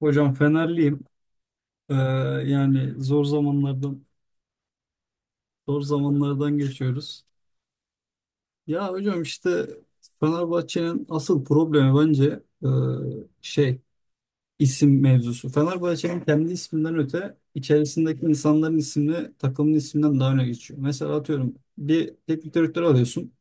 Hocam Fenerliyim. Ee, yani zor zamanlardan geçiyoruz. Ya hocam işte Fenerbahçe'nin asıl problemi bence şey isim mevzusu. Fenerbahçe'nin kendi isminden öte içerisindeki insanların ismi takımın isminden daha öne geçiyor. Mesela atıyorum bir teknik direktör alıyorsun.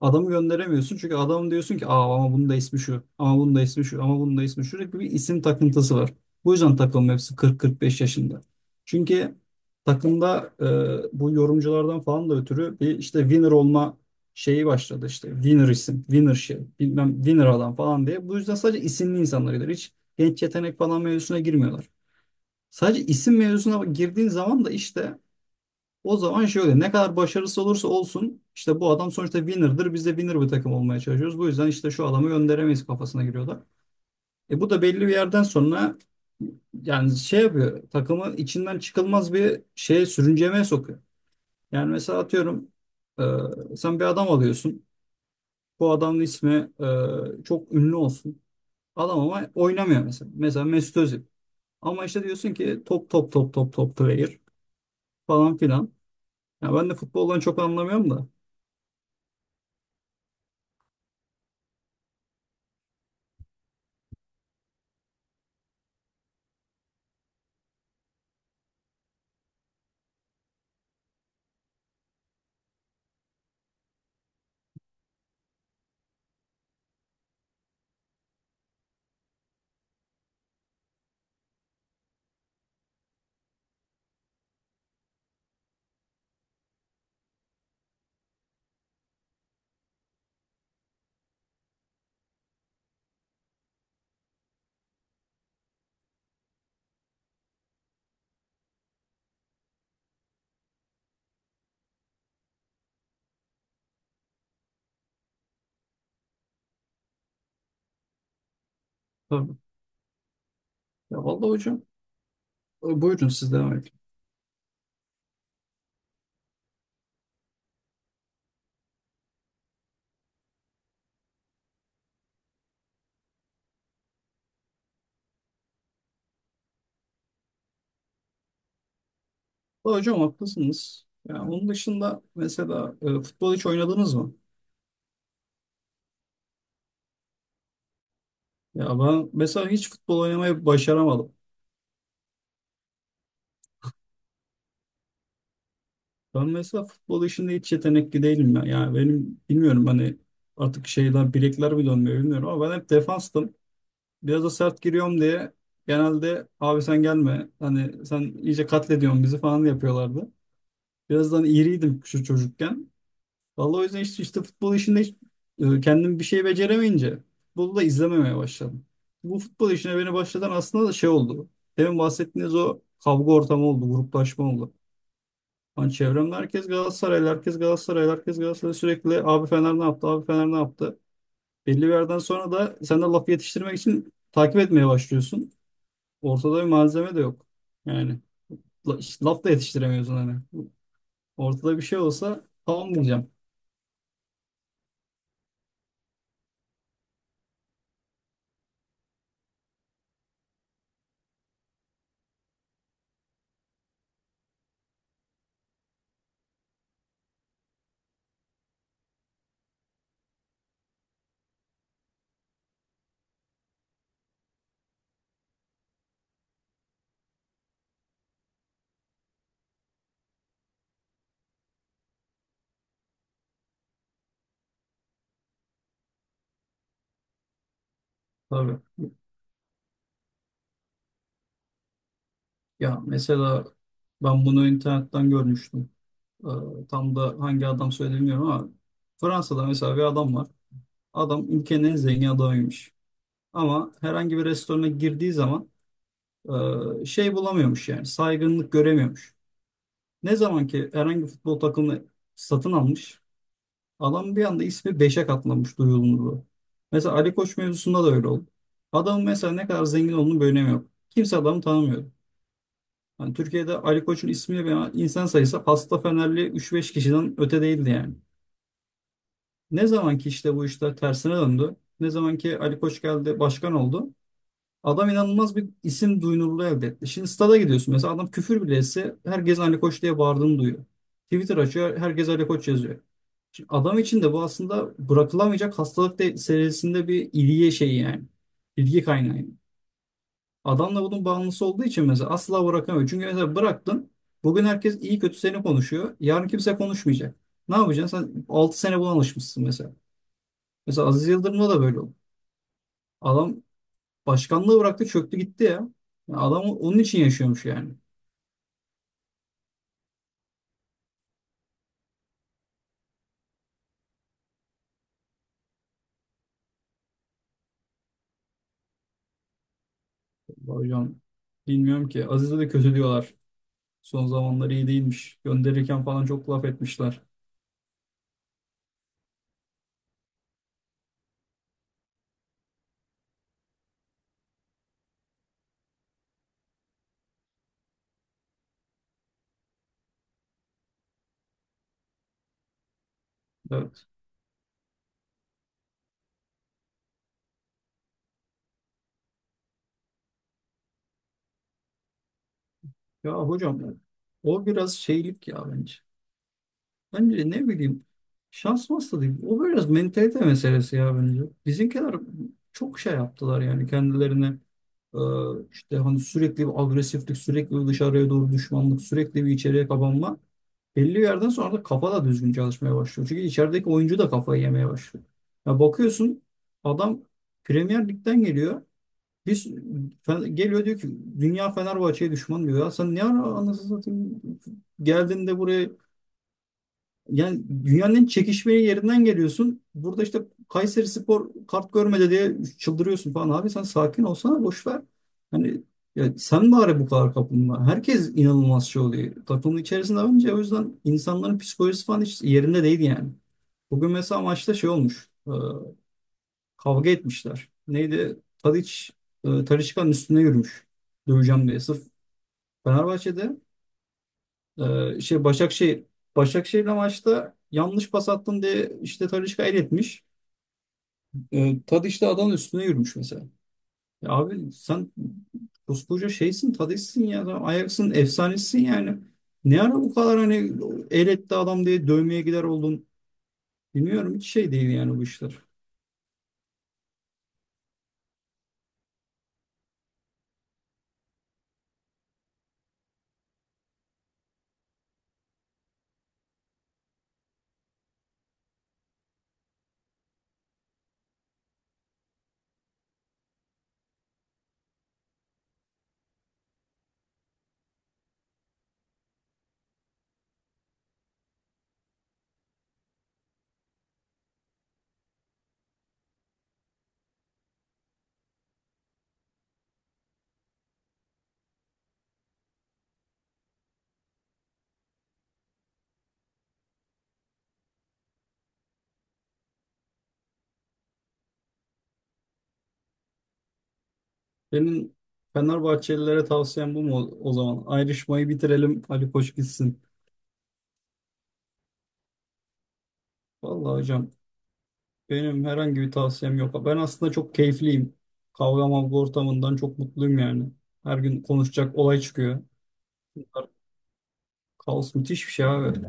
Adamı gönderemiyorsun çünkü adam diyorsun ki aa, ama bunun da ismi şu, ama bunun da ismi şu, ama bunun da ismi şu, sürekli bir isim takıntısı var. Bu yüzden takım hepsi 40-45 yaşında. Çünkü takımda bu yorumculardan falan da ötürü bir işte winner olma şeyi başladı, işte winner isim, winner şey, bilmem winner adam falan diye. Bu yüzden sadece isimli insanlar gider. Hiç genç yetenek falan mevzusuna girmiyorlar. Sadece isim mevzusuna girdiğin zaman da işte o zaman şöyle, ne kadar başarısız olursa olsun işte bu adam sonuçta winner'dır. Biz de winner bir takım olmaya çalışıyoruz. Bu yüzden işte şu adamı gönderemeyiz kafasına giriyorlar. Bu da belli bir yerden sonra yani şey yapıyor, takımı içinden çıkılmaz bir şeye, sürüncemeye sokuyor. Yani mesela atıyorum sen bir adam alıyorsun. Bu adamın ismi çok ünlü olsun. Adam ama oynamıyor mesela. Mesela Mesut Özil. Ama işte diyorsun ki top top top top top player falan filan. Ya ben de futboldan çok anlamıyorum da. Tabii. Ya vallahi hocam buyurun siz devam edin. Vallahi hocam haklısınız. Ya onun dışında mesela futbol hiç oynadınız mı? Ya ben mesela hiç futbol oynamayı başaramadım. Ben mesela futbol işinde hiç yetenekli değilim ya. Yani benim bilmiyorum, hani artık şeyler, bilekler mi dönmüyor bilmiyorum, ama ben hep defanstım. Biraz da sert giriyorum diye genelde "abi sen gelme, hani sen iyice katlediyorsun bizi" falan yapıyorlardı. Birazdan iriydim şu çocukken. Vallahi o yüzden işte futbol işinde hiç, kendim bir şey beceremeyince futbolu da izlememeye başladım. Bu futbol işine beni başlatan aslında da şey oldu. Demin bahsettiğiniz o kavga ortamı oldu, gruplaşma oldu. Hani çevremde herkes Galatasaraylı, herkes Galatasaraylı, herkes Galatasaray, sürekli "abi Fener ne yaptı, abi Fener ne yaptı". Belli bir yerden sonra da sen de lafı yetiştirmek için takip etmeye başlıyorsun. Ortada bir malzeme de yok. Yani işte laf da yetiştiremiyorsun hani. Ortada bir şey olsa tamam diyeceğim. Tabii. Ya mesela ben bunu internetten görmüştüm. Ee, tam da hangi adam söyledi bilmiyorum ama Fransa'da mesela bir adam var. Adam ülkenin en zengin adamıymış. Ama herhangi bir restorana girdiği zaman şey bulamıyormuş, yani saygınlık göremiyormuş. Ne zaman ki herhangi bir futbol takımını satın almış, adam bir anda ismi beşe katlanmış, duyulurluğu. Mesela Ali Koç mevzusunda da öyle oldu. Adamın mesela ne kadar zengin olduğunu bir önemi yok. Kimse adamı tanımıyor. Yani Türkiye'de Ali Koç'un ismiyle beraber, insan sayısı, hasta Fenerli 3-5 kişiden öte değildi yani. Ne zaman ki işte bu işler tersine döndü, ne zaman ki Ali Koç geldi, başkan oldu, adam inanılmaz bir isim duyunurluğu elde etti. Şimdi stada gidiyorsun mesela, adam küfür bile etse herkes Ali Koç diye bağırdığını duyuyor. Twitter açıyor, herkes Ali Koç yazıyor. Şimdi adam için de bu aslında bırakılamayacak hastalık serisinde bir ilgi şeyi yani. İlgi kaynağı. Adam da bunun bağımlısı olduğu için mesela asla bırakamıyor. Çünkü mesela bıraktın. Bugün herkes iyi kötü seni konuşuyor, yarın kimse konuşmayacak. Ne yapacaksın? Sen 6 sene buna alışmışsın mesela. Mesela Aziz Yıldırım'da da böyle oldu. Adam başkanlığı bıraktı, çöktü gitti ya. Yani adam onun için yaşıyormuş yani. Vallahi hocam bilmiyorum ki. Aziz'e de kötü diyorlar. Son zamanları iyi değilmiş. Gönderirken falan çok laf etmişler. Evet. Ya hocam o biraz şeylik ya bence. Bence, ne bileyim, şans masası değil. O biraz mentalite meselesi ya bence. Bizimkiler çok şey yaptılar yani kendilerine, e, işte hani sürekli bir agresiflik, sürekli bir dışarıya doğru düşmanlık, sürekli bir içeriye kapanma. Belli bir yerden sonra da kafa da düzgün çalışmaya başlıyor. Çünkü içerideki oyuncu da kafayı yemeye başlıyor. Ya bakıyorsun, adam Premier Lig'den geliyor. Biz geliyor diyor ki dünya Fenerbahçe'ye düşman diyor. Ya sen ne ara, anasını satayım, geldin de buraya, yani dünyanın en çekişmeli yerinden geliyorsun. Burada işte Kayseri Spor kart görmedi diye çıldırıyorsun falan. Abi sen sakin olsana, boş ver. Hani ya sen bari bu kadar kapılma. Herkes inanılmaz şey oluyor. Takımın içerisinde önce, o yüzden insanların psikolojisi falan hiç yerinde değil yani. Bugün mesela maçta şey olmuş. Kavga etmişler. Neydi? Tadiç, Talisca'nın üstüne yürümüş. Döveceğim diye. Sırf Fenerbahçe'de, e, şey Başakşehir Başakşehir'le maçta yanlış pas attın diye işte Talisca el etmiş. Tadiç de adamın üstüne yürümüş mesela. Ya abi sen koskoca şeysin, Tadiç'sin ya. Sen Ajax'ın efsanesisin yani. Ne ara bu kadar, hani el etti adam diye dövmeye gider oldun. Bilmiyorum, hiç şey değil yani bu işler. Benim Fenerbahçelilere tavsiyem bu mu o o zaman? Ayrışmayı bitirelim, Ali Koç gitsin. Vallahi hocam benim herhangi bir tavsiyem yok. Ben aslında çok keyifliyim. Kavga mavga ortamından çok mutluyum yani. Her gün konuşacak olay çıkıyor. Kaos müthiş bir şey abi.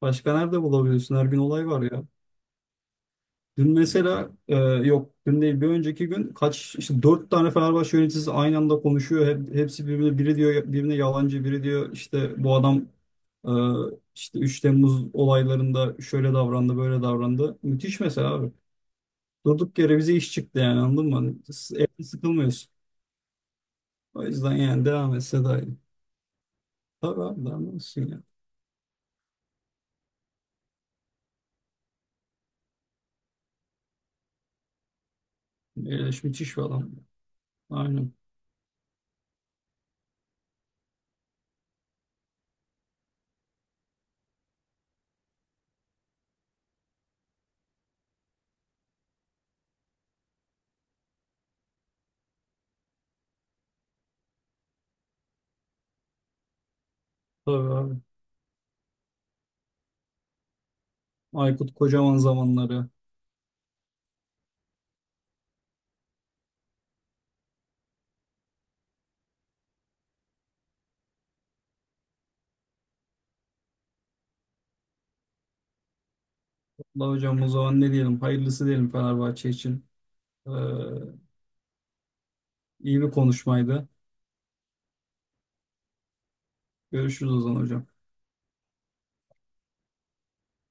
Başka nerede bulabiliyorsun? Her gün olay var ya. Dün mesela, yok dün değil bir önceki gün, kaç işte, 4 tane Fenerbahçe yöneticisi aynı anda konuşuyor. Hepsi birbirine, biri diyor birine yalancı, biri diyor işte bu adam e, işte 3 Temmuz olaylarında şöyle davrandı böyle davrandı. Müthiş mesela abi. Durduk yere bize iş çıktı yani, anladın mı? Hani evde sıkılmıyorsun. O yüzden yani devam etse daha iyi. Tabii abi devam etsin ya. Eleş müthiş bir adam. Aynen. Tabii abi. Aykut Kocaman zamanları. Allah hocam, o zaman ne diyelim? Hayırlısı diyelim Fenerbahçe için. Ee, iyi bir konuşmaydı. Görüşürüz o zaman hocam.